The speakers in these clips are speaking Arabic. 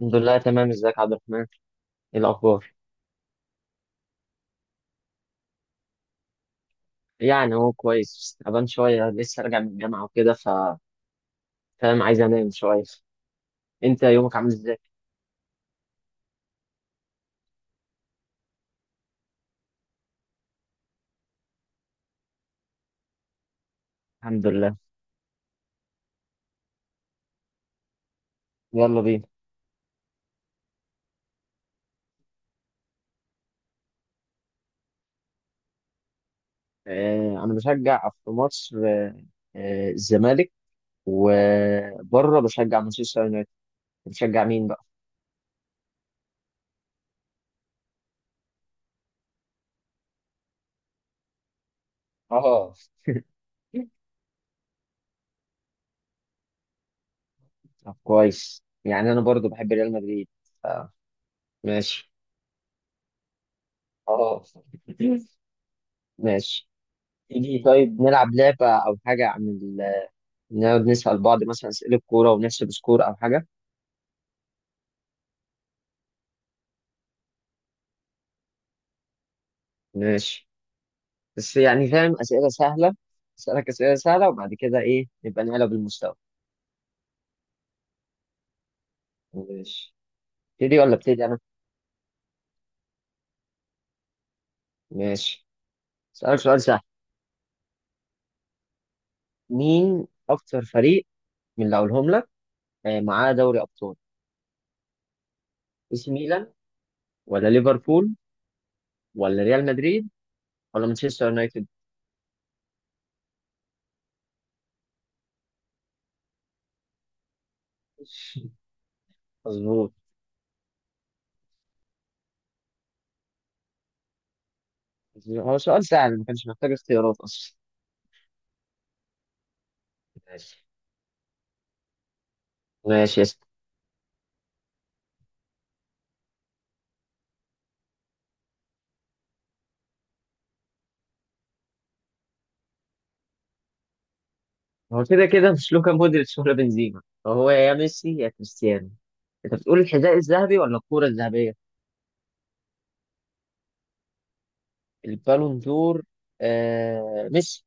الحمد لله، تمام. ازيك يا عبد الرحمن؟ ايه الاخبار؟ يعني هو كويس، تعبان شويه، لسه راجع من الجامعه وكده. فاهم، عايز انام شويه. انت يومك عامل ازاي؟ الحمد لله. يلا بينا. آه، انا بشجع في مصر، الزمالك. وبره بشجع مانشستر يونايتد. بتشجع مين بقى؟ اه، طب كويس. يعني انا برضو بحب ريال مدريد. آه. ماشي. اه، ماشي. تيجي طيب نلعب لعبه او حاجه، عن نقعد نسأل بعض مثلا أسئلة كورة ونحسب سكور أو حاجة. ماشي. بس يعني فاهم، أسئلة سهلة. أسألك أسئلة سهلة، وبعد كده إيه نبقى نعلى بالمستوى. ماشي. ابتدي ولا ابتدي أنا؟ ماشي. أسألك سؤال سهل. مين أكتر فريق من اللي هقولهم لك معاه دوري أبطال؟ إي سي ميلان، ولا ليفربول، ولا ريال مدريد، ولا مانشستر يونايتد؟ مظبوط. هو سؤال سهل، ما كانش محتاج اختيارات أصلا. ماشي، ماشي. هو كده كده مش لوكا مودريتش ولا بنزيما، فهو يا ميسي يا كريستيانو. انت بتقول الحذاء الذهبي ولا الكرة الذهبية؟ البالون دور. آه، ميسي.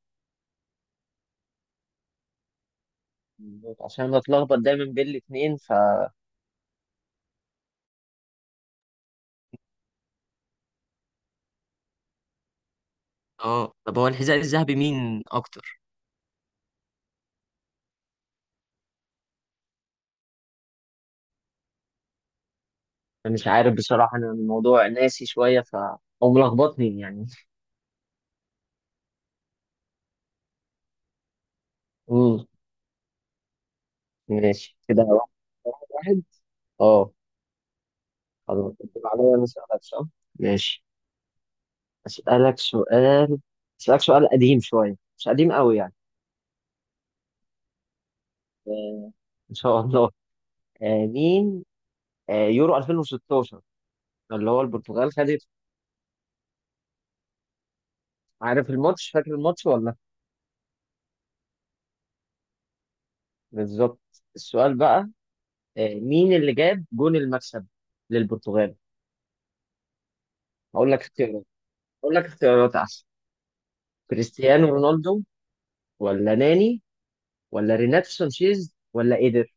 عشان بتلخبط دايما بين الاثنين. اه، طب هو الحذاء الذهبي مين اكتر؟ فمش عارف بصراحة، انا الموضوع ناسي شوية، او ملخبطني يعني. امم. ماشي كده، واحد واحد. اه. خلاص، انت عليا، انا اسالك صح. ماشي. اسالك سؤال اسالك سؤال قديم شوية، مش قديم قوي يعني. آه، ان شاء الله. مين يورو 2016 اللي هو البرتغال خدت؟ عارف الماتش فاكر الماتش ولا؟ بالظبط. السؤال بقى، مين اللي جاب جون المكسب للبرتغال؟ هقول لك اختيارات هقول لك اختيارات احسن. كريستيانو رونالدو، ولا ناني، ولا ريناتو سانشيز، ولا ايدر؟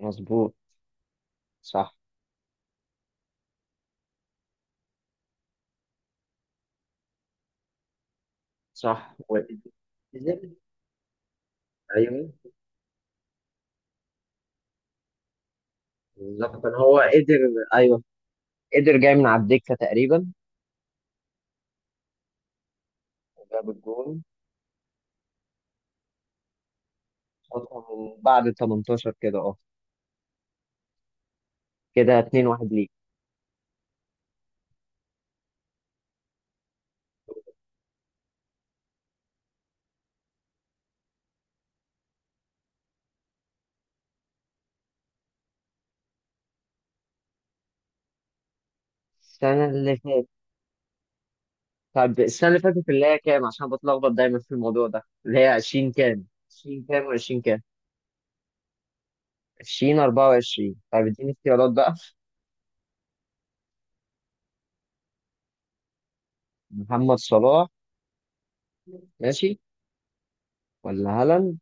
مظبوط. صح، صح، هو إيدر. ايوه. بالظبط، كان هو قدر. ايوه، قدر جاي من على الدكه تقريبا، وجاب الجون فترة من بعد 18 كده، اه. كده 2-1 ليك. السنة اللي فاتت؟ طب السنة اللي فاتت اللي هي كام؟ عشان بتلخبط دايما في الموضوع ده، اللي هي 20 كام، 20 كام، و20 كام؟ 2024. طب اديني اختيارات بقى. محمد صلاح. ماشي. ولا هالاند.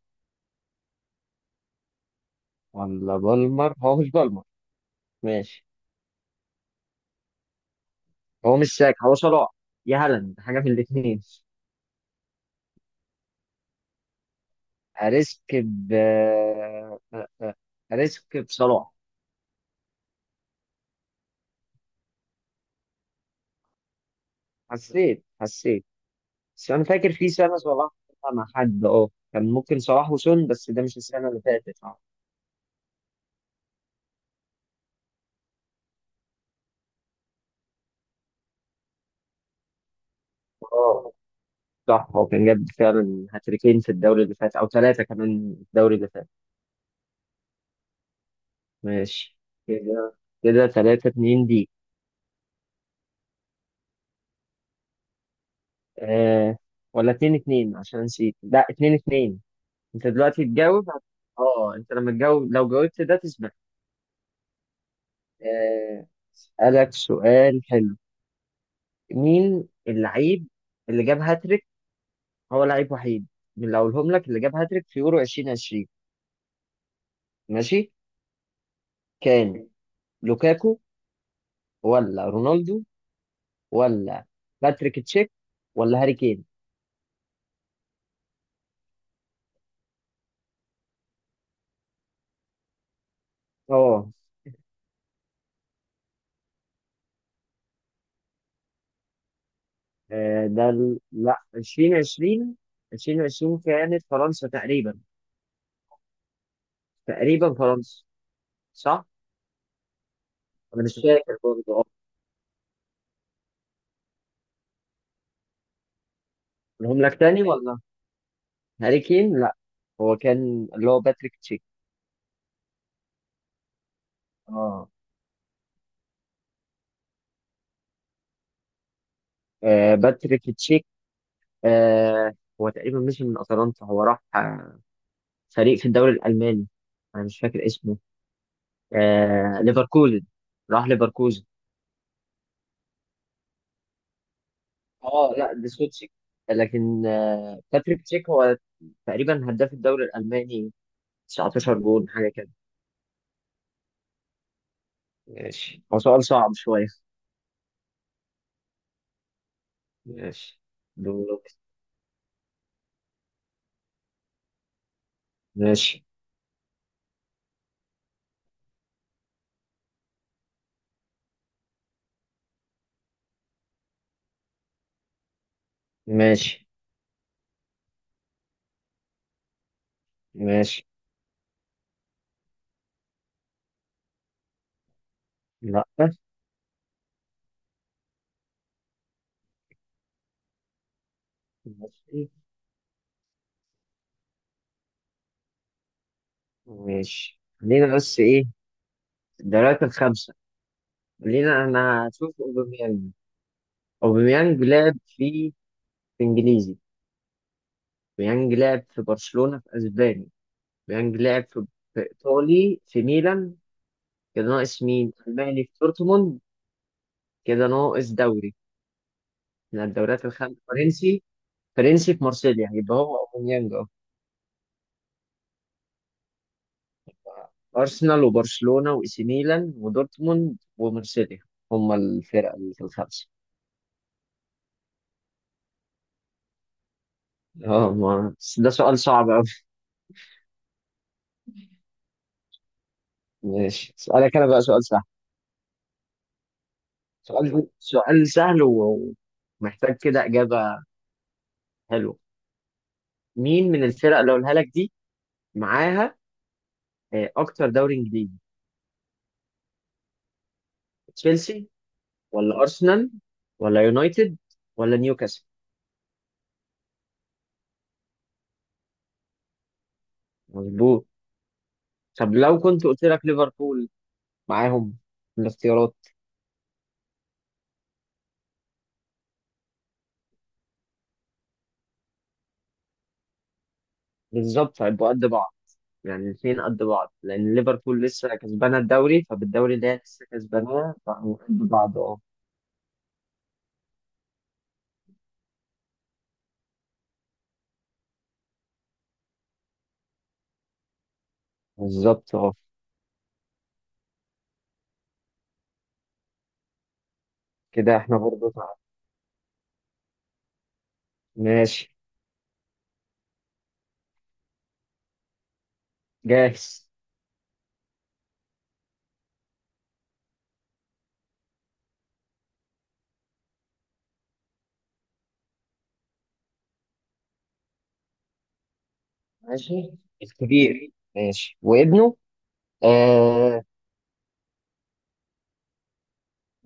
ولا بالمر؟ هو مش بالمر. ماشي. هو مش ساك، هو صلاح يا هالاند، حاجة من الاتنين. أريسك ب أريسك بصلاح. حسيت، حسيت. بس انا فاكر في سنه صلاح فيها مع حد، اه، كان ممكن صلاح وسون، بس ده مش السنه اللي فاتت. اه، صح، هو كان جاب فعلا هاتريكين في الدوري اللي فات، او ثلاثه كمان في الدوري اللي فات. ماشي كده. كده ثلاثة اتنين دي. آه، ولا اتنين اتنين؟ عشان نسيت. لا، اتنين اتنين. انت دلوقتي تجاوب. اه، انت لما تجاوب، لو جاوبت ده تسبق. آه اسألك سؤال حلو. مين اللعيب اللي جاب هاتريك، هو لعيب وحيد، من اللي اقولهم لك، اللي جاب هاتريك في يورو 2020؟ ماشي. كان لوكاكو، ولا رونالدو، ولا باتريك تشيك، ولا هاري كين؟ اه. لا، 2020. 2020 كانت فرنسا تقريبا. تقريبا فرنسا. صح. انا مش فاكر برضه، اه. اقولهم لك تاني ولا؟ هاري كين لا. هو كان اللي هو باتريك تشيك. اه. آه، باتريك تشيك. آه هو تقريبا مشي من اتلانتا، هو راح فريق في الدوري الألماني، أنا مش فاكر اسمه. آه، ليفركوزن. راح ليفركوزن. اه، لا، دي سوتشيك، لكن باتريك تشيك هو تقريبا هداف الدوري الألماني 19 جول حاجة كده. ماشي. هو سؤال صعب شوية. ماشي. دورك. ماشي. ماشي. ماشي. لا. ماشي. ماشي. خلينا بس ايه، الدوريات الخمسة. خلينا، انا هشوف اوباميانج. اوباميانج لعب في في انجليزي. بيانج لعب في برشلونة في اسباني. بيانج لعب في ايطالي في ميلان. كده ناقص مين، الماني في دورتموند. كده ناقص دوري من الدوريات الخمسة، فرنسي. فرنسي في مارسيليا، يبقى هو اوباميانج. اه. ارسنال، وبرشلونة، واي سي ميلان، ودورتموند، ومارسيليا، هم الفرق اللي في الخمسة. اه، ما بس ده سؤال صعب أوي. ماشي. سؤالك أنا بقى سؤال سهل. سؤال سهل ومحتاج كده إجابة حلوة. مين من الفرق اللي أقولها لك دي معاها اكتر دوري انجليزي؟ تشيلسي، ولا ارسنال، ولا يونايتد، ولا نيوكاسل؟ مظبوط. طب لو كنت قلت لك ليفربول معاهم في الاختيارات؟ بالظبط، هيبقوا قد بعض. يعني الاثنين قد بعض، لان ليفربول لسه كسبانه الدوري، فبالدوري اللي هي لسه كسباناه، فهو قد بعض. اه، بالظبط. اه، كده احنا برضه تعادل. ماشي. جاهز. ماشي، الكبير. ماشي، وابنه. آه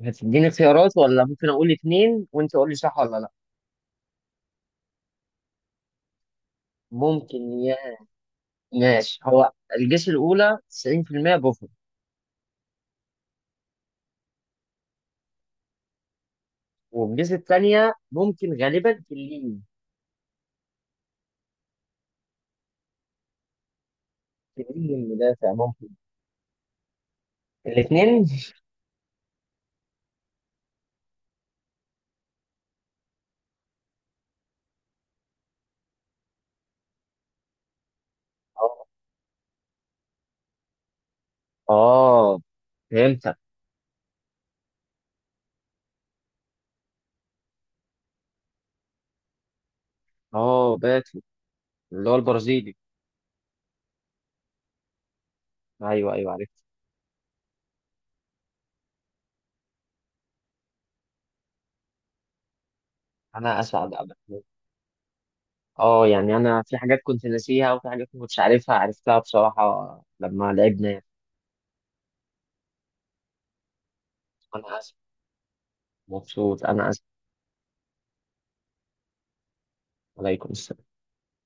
هتديني خيارات ولا ممكن اقول اثنين وانت قول لي صح ولا لا؟ ممكن ماشي. هو الجيش الأولى 90% بوفر. والجيش الثانية ممكن غالبا تلين. تلين مدافع ممكن. الاثنين. اه. آه، فهمتك. اه، باتو، اللي هو البرازيلي. ايوه، ايوه، عرفت. انا اسعد ابدا. اه، يعني انا في حاجات كنت ناسيها، وفي حاجات ما كنتش عارفها، عرفتها بصراحة لما لعبنا. انا اسف، مبسوط، انا اسف. عليكم السلام.